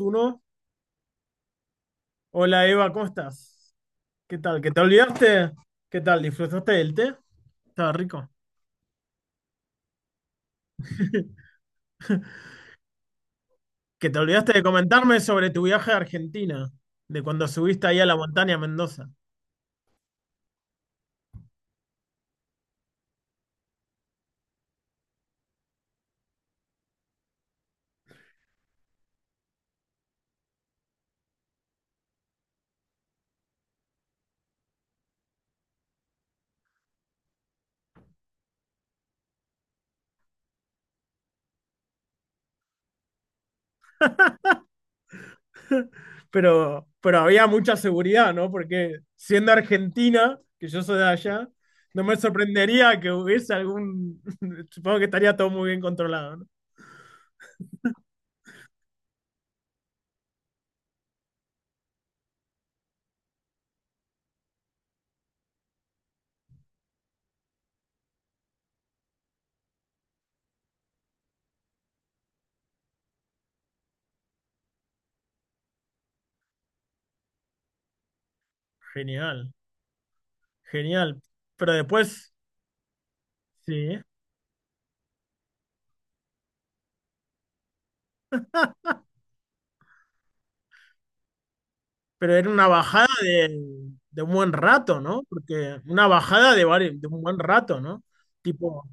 Uno. Hola Eva, ¿cómo estás? ¿Qué tal? ¿Que te olvidaste? ¿Qué tal? ¿Disfrutaste del té? Estaba rico. ¿Que te olvidaste de comentarme sobre tu viaje a Argentina? De cuando subiste ahí a la montaña Mendoza. Pero había mucha seguridad, ¿no? Porque siendo argentina, que yo soy de allá, no me sorprendería que hubiese algún... Supongo que estaría todo muy bien controlado, ¿no? Genial, genial. Pero después, sí. Pero era una bajada de un buen rato, ¿no? Porque una bajada de, de un buen rato, ¿no? Tipo,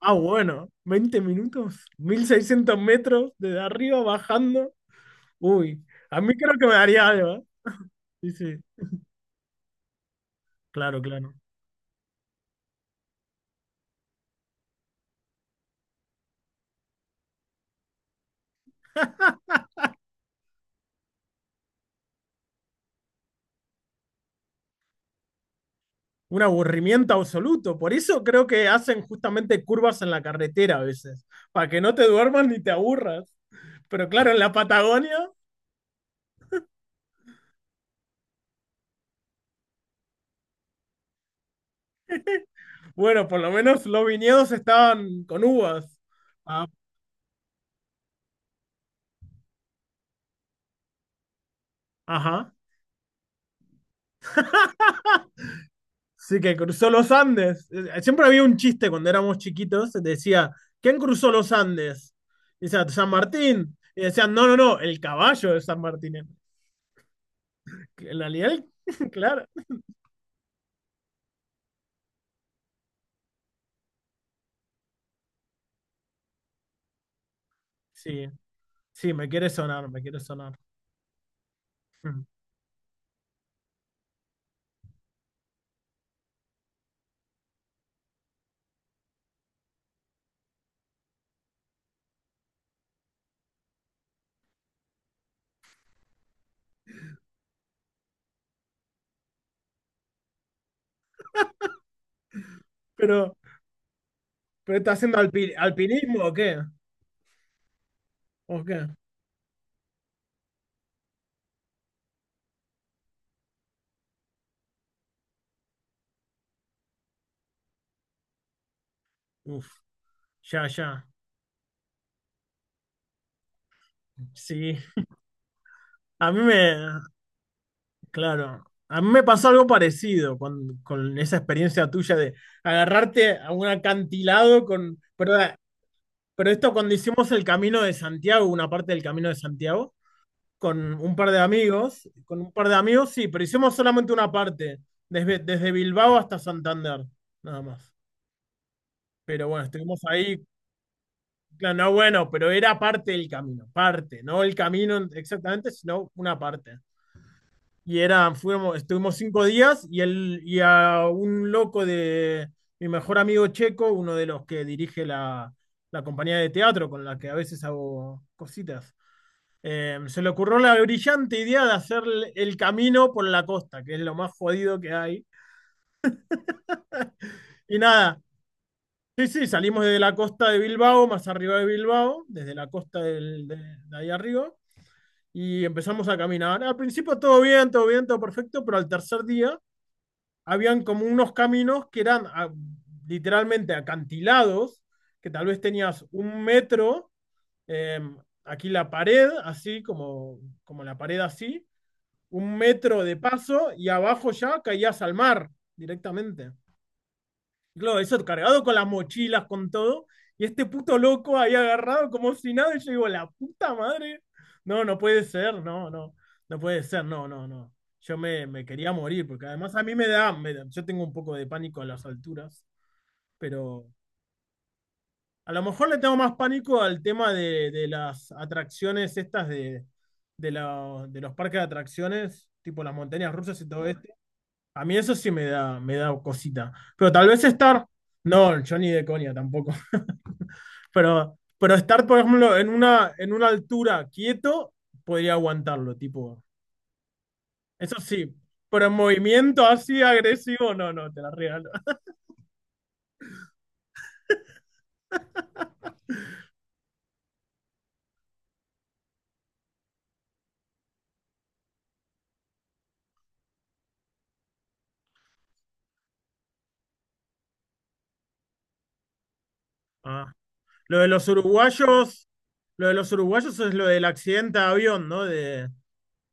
ah, bueno, 20 minutos, 1.600 metros desde arriba bajando. Uy, a mí creo que me daría algo, ¿eh? Sí, sí, claro, claro. Un aburrimiento absoluto. Por eso creo que hacen justamente curvas en la carretera a veces, para que no te duermas ni te aburras. Pero claro, en la Patagonia, bueno, por lo menos los viñedos estaban con uvas. Ah, ajá. Sí, que cruzó los Andes. Siempre había un chiste cuando éramos chiquitos, decía, ¿quién cruzó los Andes? Y decía, San Martín. Y decían, no, no, no, el caballo de San Martín. En realidad, claro. Sí, sí, me quiere sonar, me quiere sonar. Mm. Pero, ¿pero está haciendo alpinismo o qué? ¿O qué? Uf, ya, ya. Sí. A mí me, claro, a mí me pasó algo parecido con esa experiencia tuya de agarrarte a un acantilado con, pero esto cuando hicimos el Camino de Santiago, una parte del Camino de Santiago, con un par de amigos, con un par de amigos, sí, pero hicimos solamente una parte, desde Bilbao hasta Santander, nada más. Pero bueno, estuvimos ahí, claro, no bueno, pero era parte del camino, parte, no el camino exactamente, sino una parte. Y era, fuimos, estuvimos 5 días y, el, y a un loco de mi mejor amigo checo, uno de los que dirige la, la compañía de teatro con la que a veces hago cositas. Se le ocurrió la brillante idea de hacer camino por la costa, que es lo más jodido que hay. Y nada, sí, sí, salimos desde la costa de Bilbao, más arriba de Bilbao, desde la costa de ahí arriba, y empezamos a caminar. Al principio todo bien, todo bien, todo perfecto, pero al tercer día habían como unos caminos que eran literalmente acantilados, que tal vez tenías 1 metro, eh, aquí la pared, así como, como la pared así 1 metro de paso y abajo ya caías al mar directamente. Y claro, eso cargado con las mochilas, con todo. Y este puto loco ahí agarrado como si nada. Y yo digo, la puta madre. No, no puede ser, no, no. No puede ser, no, no, no. Yo me, me quería morir, porque además a mí me da, yo tengo un poco de pánico a las alturas, pero a lo mejor le tengo más pánico al tema de las atracciones estas de, de los parques de atracciones, tipo las montañas rusas y todo esto. A mí eso sí me da cosita. Pero tal vez estar. No, yo ni de coña tampoco. Pero estar, por ejemplo, en una altura quieto, podría aguantarlo, tipo. Eso sí. Pero en movimiento así agresivo, no, no, te la regalo. Ah. Lo de los uruguayos, lo de los uruguayos es lo del accidente de avión, ¿no?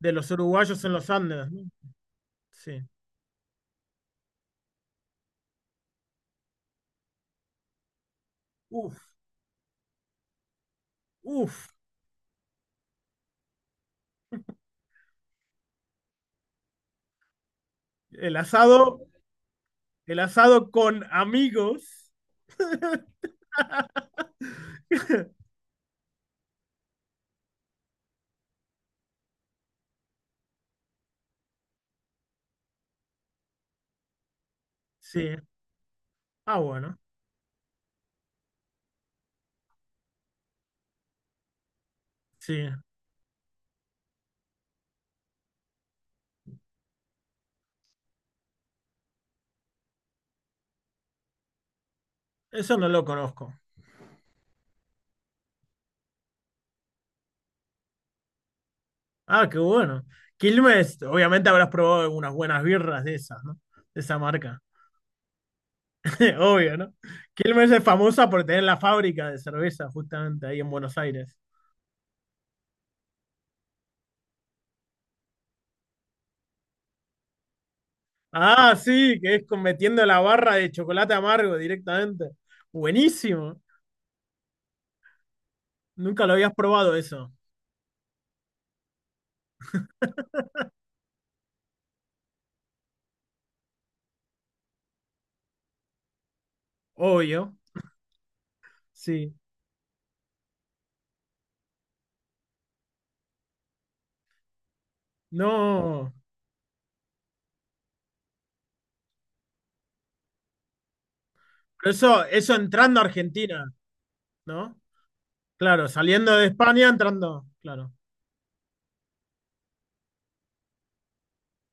De los uruguayos en los Andes, ¿no? Sí. Uf, uf. El asado, el asado con amigos. Sí. Ah, bueno, sí, eso no lo conozco. Ah, qué bueno. Quilmes, obviamente habrás probado unas buenas birras de esas, ¿no? De esa marca. Obvio, ¿no? Quilmes es famosa por tener la fábrica de cerveza justamente ahí en Buenos Aires. Ah, sí, que es metiendo la barra de chocolate amargo directamente. Buenísimo. Nunca lo habías probado eso. Obvio, sí. No, pero eso entrando a Argentina, ¿no? Claro, saliendo de España, entrando, claro.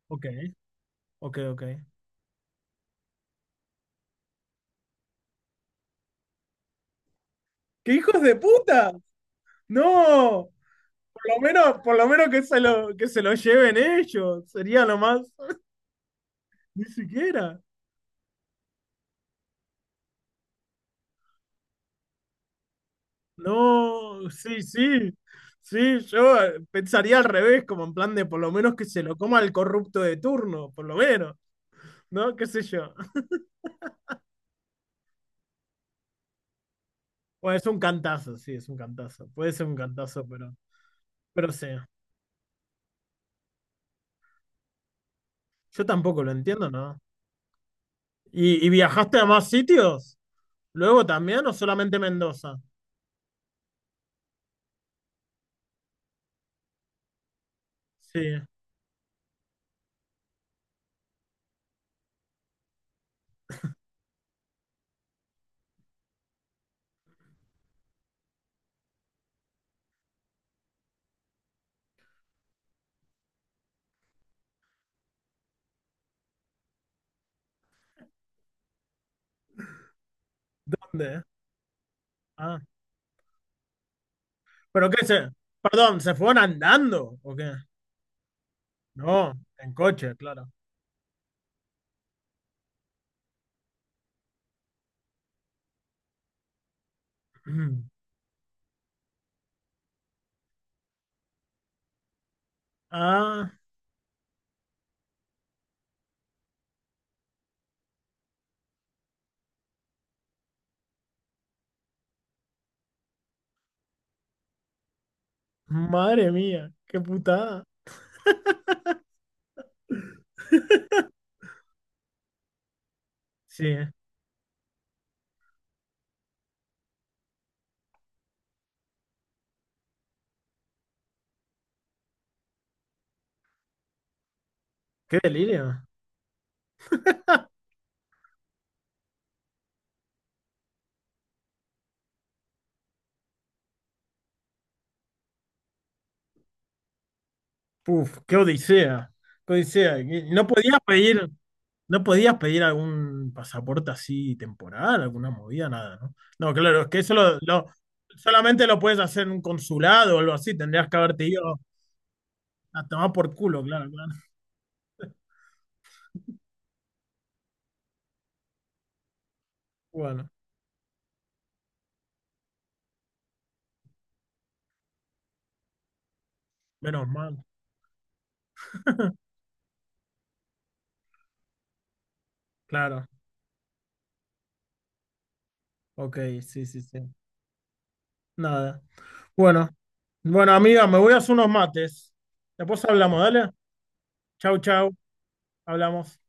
Ok. Ok, ok. ¡Qué hijos de puta! ¡No! Por lo menos que se lo lleven ellos. Sería lo más. Ni siquiera. No, sí, sí. Sí, yo pensaría al revés, como en plan de por lo menos que se lo coma el corrupto de turno, por lo menos, ¿no? ¿Qué sé yo? Bueno, es un cantazo, sí, es un cantazo. Puede ser un cantazo, pero sí. Yo tampoco lo entiendo, ¿no? Y viajaste a más sitios? ¿Luego también o solamente Mendoza? Sí. ¿Dónde? Ah. ¿Pero qué se? Perdón, ¿se fueron andando o qué? No, en coche, claro. Mm. Ah, madre mía, qué putada. Sí, qué delirio. Puf, qué odisea. Qué odisea. Y no podías pedir, no podías pedir algún pasaporte así temporal, alguna movida, nada, ¿no? No, claro, es que solamente lo puedes hacer en un consulado o algo así. Tendrías que haberte ido a tomar por culo, claro, claro. Bueno, menos mal, claro. Ok, sí, sí, sí. Nada. Bueno, bueno, amiga, me voy a hacer unos mates. Después hablamos, dale. Chau, chau. Hablamos.